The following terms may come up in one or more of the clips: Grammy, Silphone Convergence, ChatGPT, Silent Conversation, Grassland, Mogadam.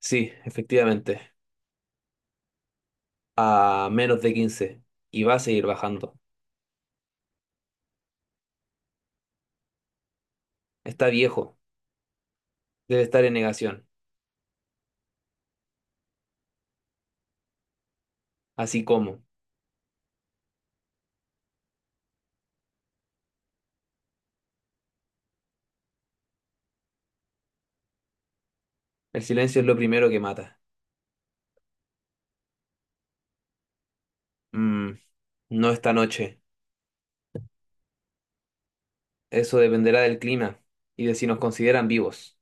Sí, efectivamente, a menos de 15 y va a seguir bajando. Está viejo, debe estar en negación, así como el silencio es lo primero que mata. Mm, no esta noche, eso dependerá del clima y de si nos consideran vivos.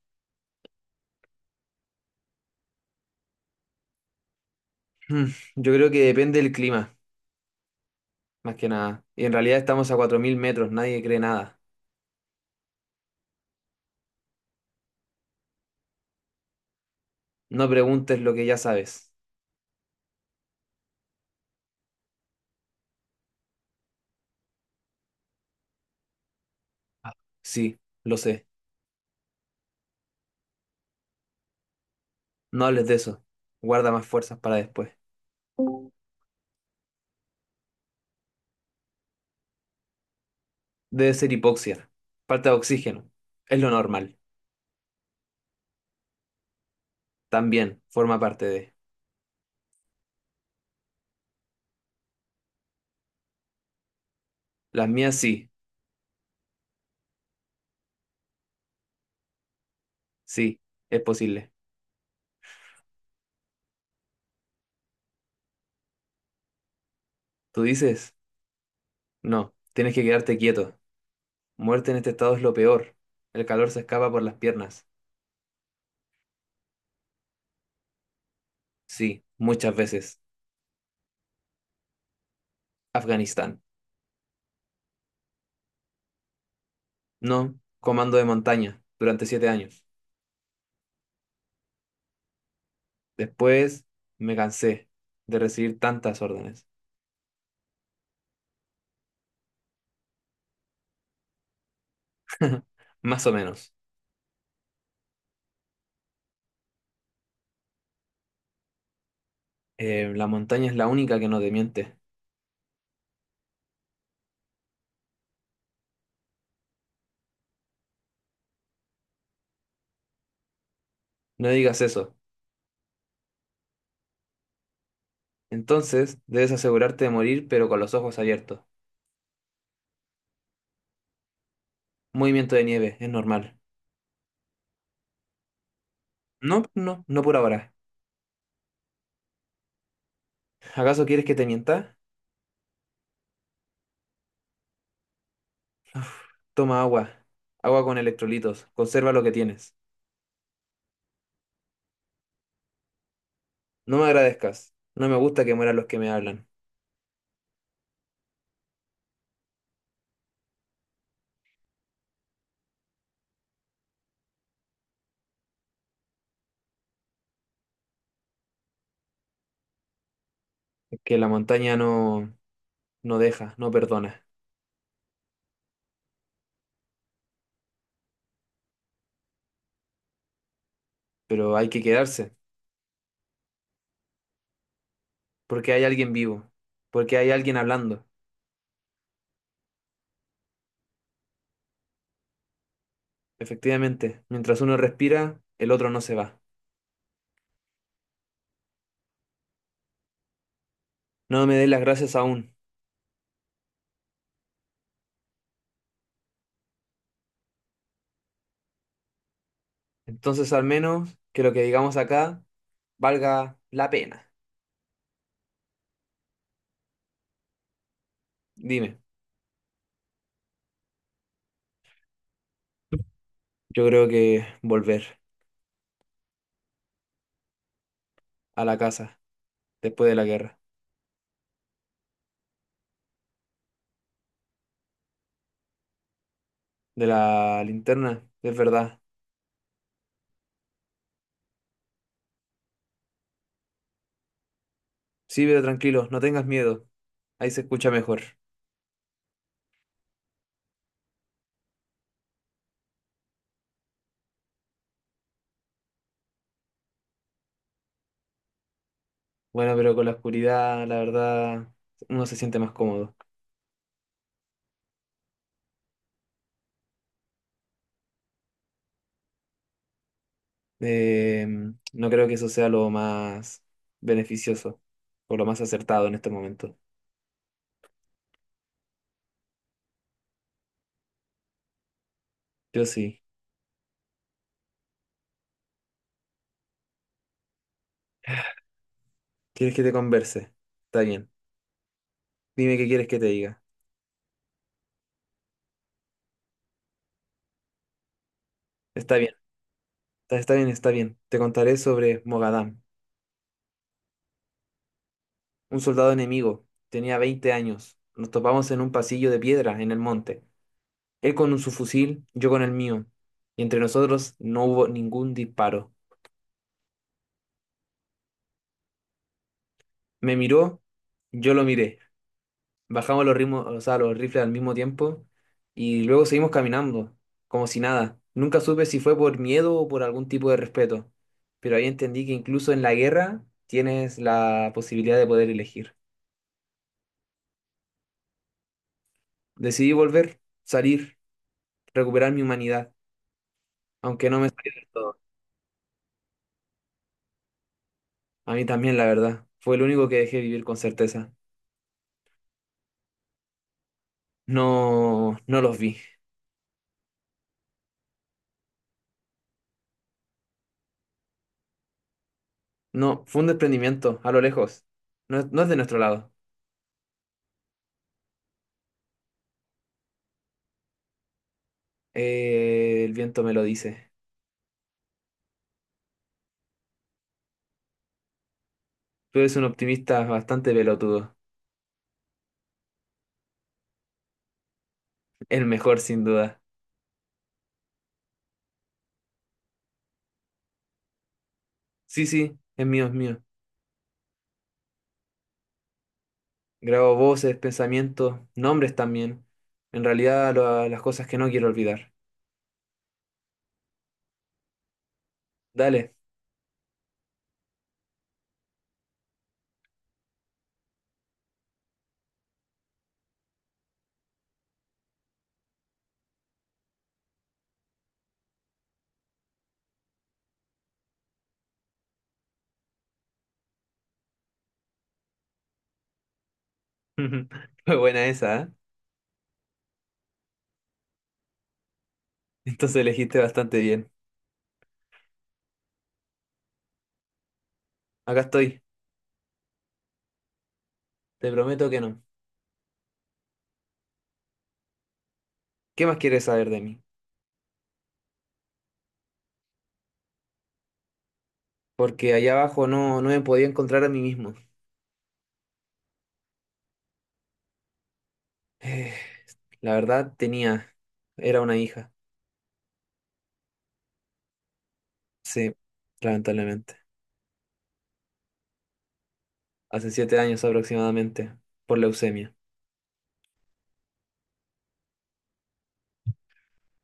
Mm, yo creo que depende del clima, más que nada. Y en realidad estamos a 4.000 metros, nadie cree nada. No preguntes lo que ya sabes. Sí, lo sé. No hables de eso. Guarda más fuerzas para después. Debe ser hipoxia, falta de oxígeno. Es lo normal. También forma parte de. Las mías sí, sí, es posible. ¿Tú dices? No, tienes que quedarte quieto. Muerte en este estado es lo peor. El calor se escapa por las piernas. Sí, muchas veces. Afganistán. No, comando de montaña, durante 7 años. Después me cansé de recibir tantas órdenes. Más o menos. La montaña es la única que no te miente. No digas eso. Entonces, debes asegurarte de morir, pero con los ojos abiertos. Movimiento de nieve, es normal. No, no, no por ahora. ¿Acaso quieres que te mienta? Toma agua. Agua con electrolitos. Conserva lo que tienes. No me agradezcas. No me gusta que mueran los que me hablan. Es que la montaña no, no deja, no perdona. Pero hay que quedarse, porque hay alguien vivo, porque hay alguien hablando. Efectivamente, mientras uno respira, el otro no se va. No me des las gracias aún. Entonces, al menos que lo que digamos acá valga la pena. Dime, yo creo que volver a la casa después de la guerra. De la linterna, es verdad. Sí, pero tranquilo, no tengas miedo. Ahí se escucha mejor. Bueno, pero con la oscuridad, la verdad, uno se siente más cómodo. Eh, no creo que eso sea lo más beneficioso o lo más acertado en este momento. Yo sí. ¿Quieres que te converse? Está bien. Dime qué quieres que te diga. Está bien, está bien, está bien. Te contaré sobre Mogadam, un soldado enemigo. Tenía 20 años. Nos topamos en un pasillo de piedra en el monte. Él con su fusil, yo con el mío, y entre nosotros no hubo ningún disparo. Me miró, yo lo miré. Bajamos los ritmos, o sea, los rifles al mismo tiempo y luego seguimos caminando, como si nada. Nunca supe si fue por miedo o por algún tipo de respeto, pero ahí entendí que incluso en la guerra tienes la posibilidad de poder elegir. Decidí volver, salir, recuperar mi humanidad, aunque no me salió del todo. A mí también, la verdad, fue el único que dejé vivir con certeza. No, no los vi. No, fue un desprendimiento, a lo lejos. No, es no es de nuestro lado. El viento me lo dice. Tú eres un optimista bastante pelotudo. El mejor, sin duda. Sí, sí, es mío, es mío. Grabo voces, pensamientos, nombres también. En realidad, las cosas que no quiero olvidar. Dale. Fue buena esa, ¿eh? Entonces elegiste bastante bien. Acá estoy. Te prometo que no. ¿Qué más quieres saber de mí? Porque allá abajo no, no me podía encontrar a mí mismo. Eh, la verdad tenía, era una hija, sí, lamentablemente, hace 7 años aproximadamente, por leucemia.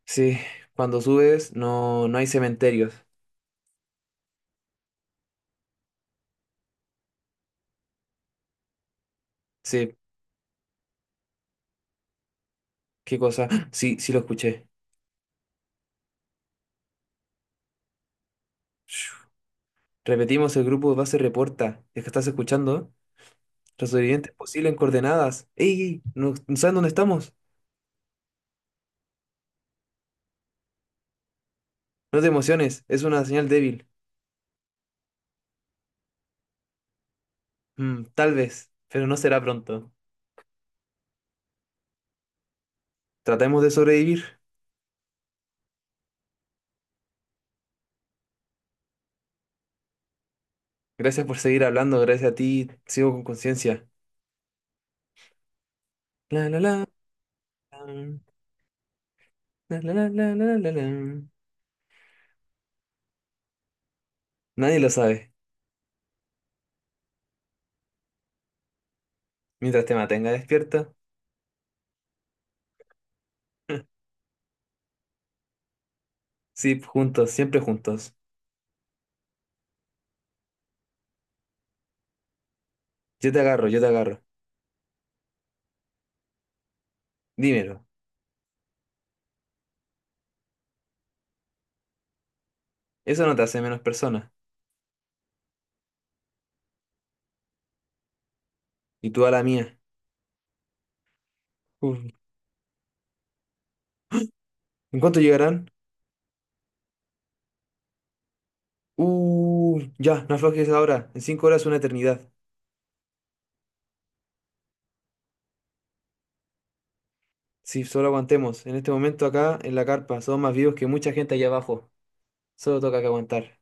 Sí, cuando subes no, no hay cementerios. Sí, qué cosa. ¡Ah! Sí, sí lo escuché. Shhh. Repetimos, el grupo de base reporta. Es que estás escuchando. Los sobrevivientes posibles en coordenadas. ¡Ey! ¡Ey! ¿No, no saben dónde estamos? No te emociones, es una señal débil. Mm, tal vez, pero no será pronto. Tratemos de sobrevivir. Gracias por seguir hablando, gracias a ti. Sigo con conciencia. La, la, la, la, la, la, la, la, la, la. Nadie lo sabe. Mientras te mantenga despierta. Sí, juntos, siempre juntos. Yo te agarro, yo te agarro. Dímelo. Eso no te hace menos persona. Y tú a la mía. Uf. ¿En cuánto llegarán? Ya, no aflojes ahora. En 5 horas una eternidad. Si solo aguantemos. En este momento acá, en la carpa, somos más vivos que mucha gente allá abajo. Solo toca que aguantar.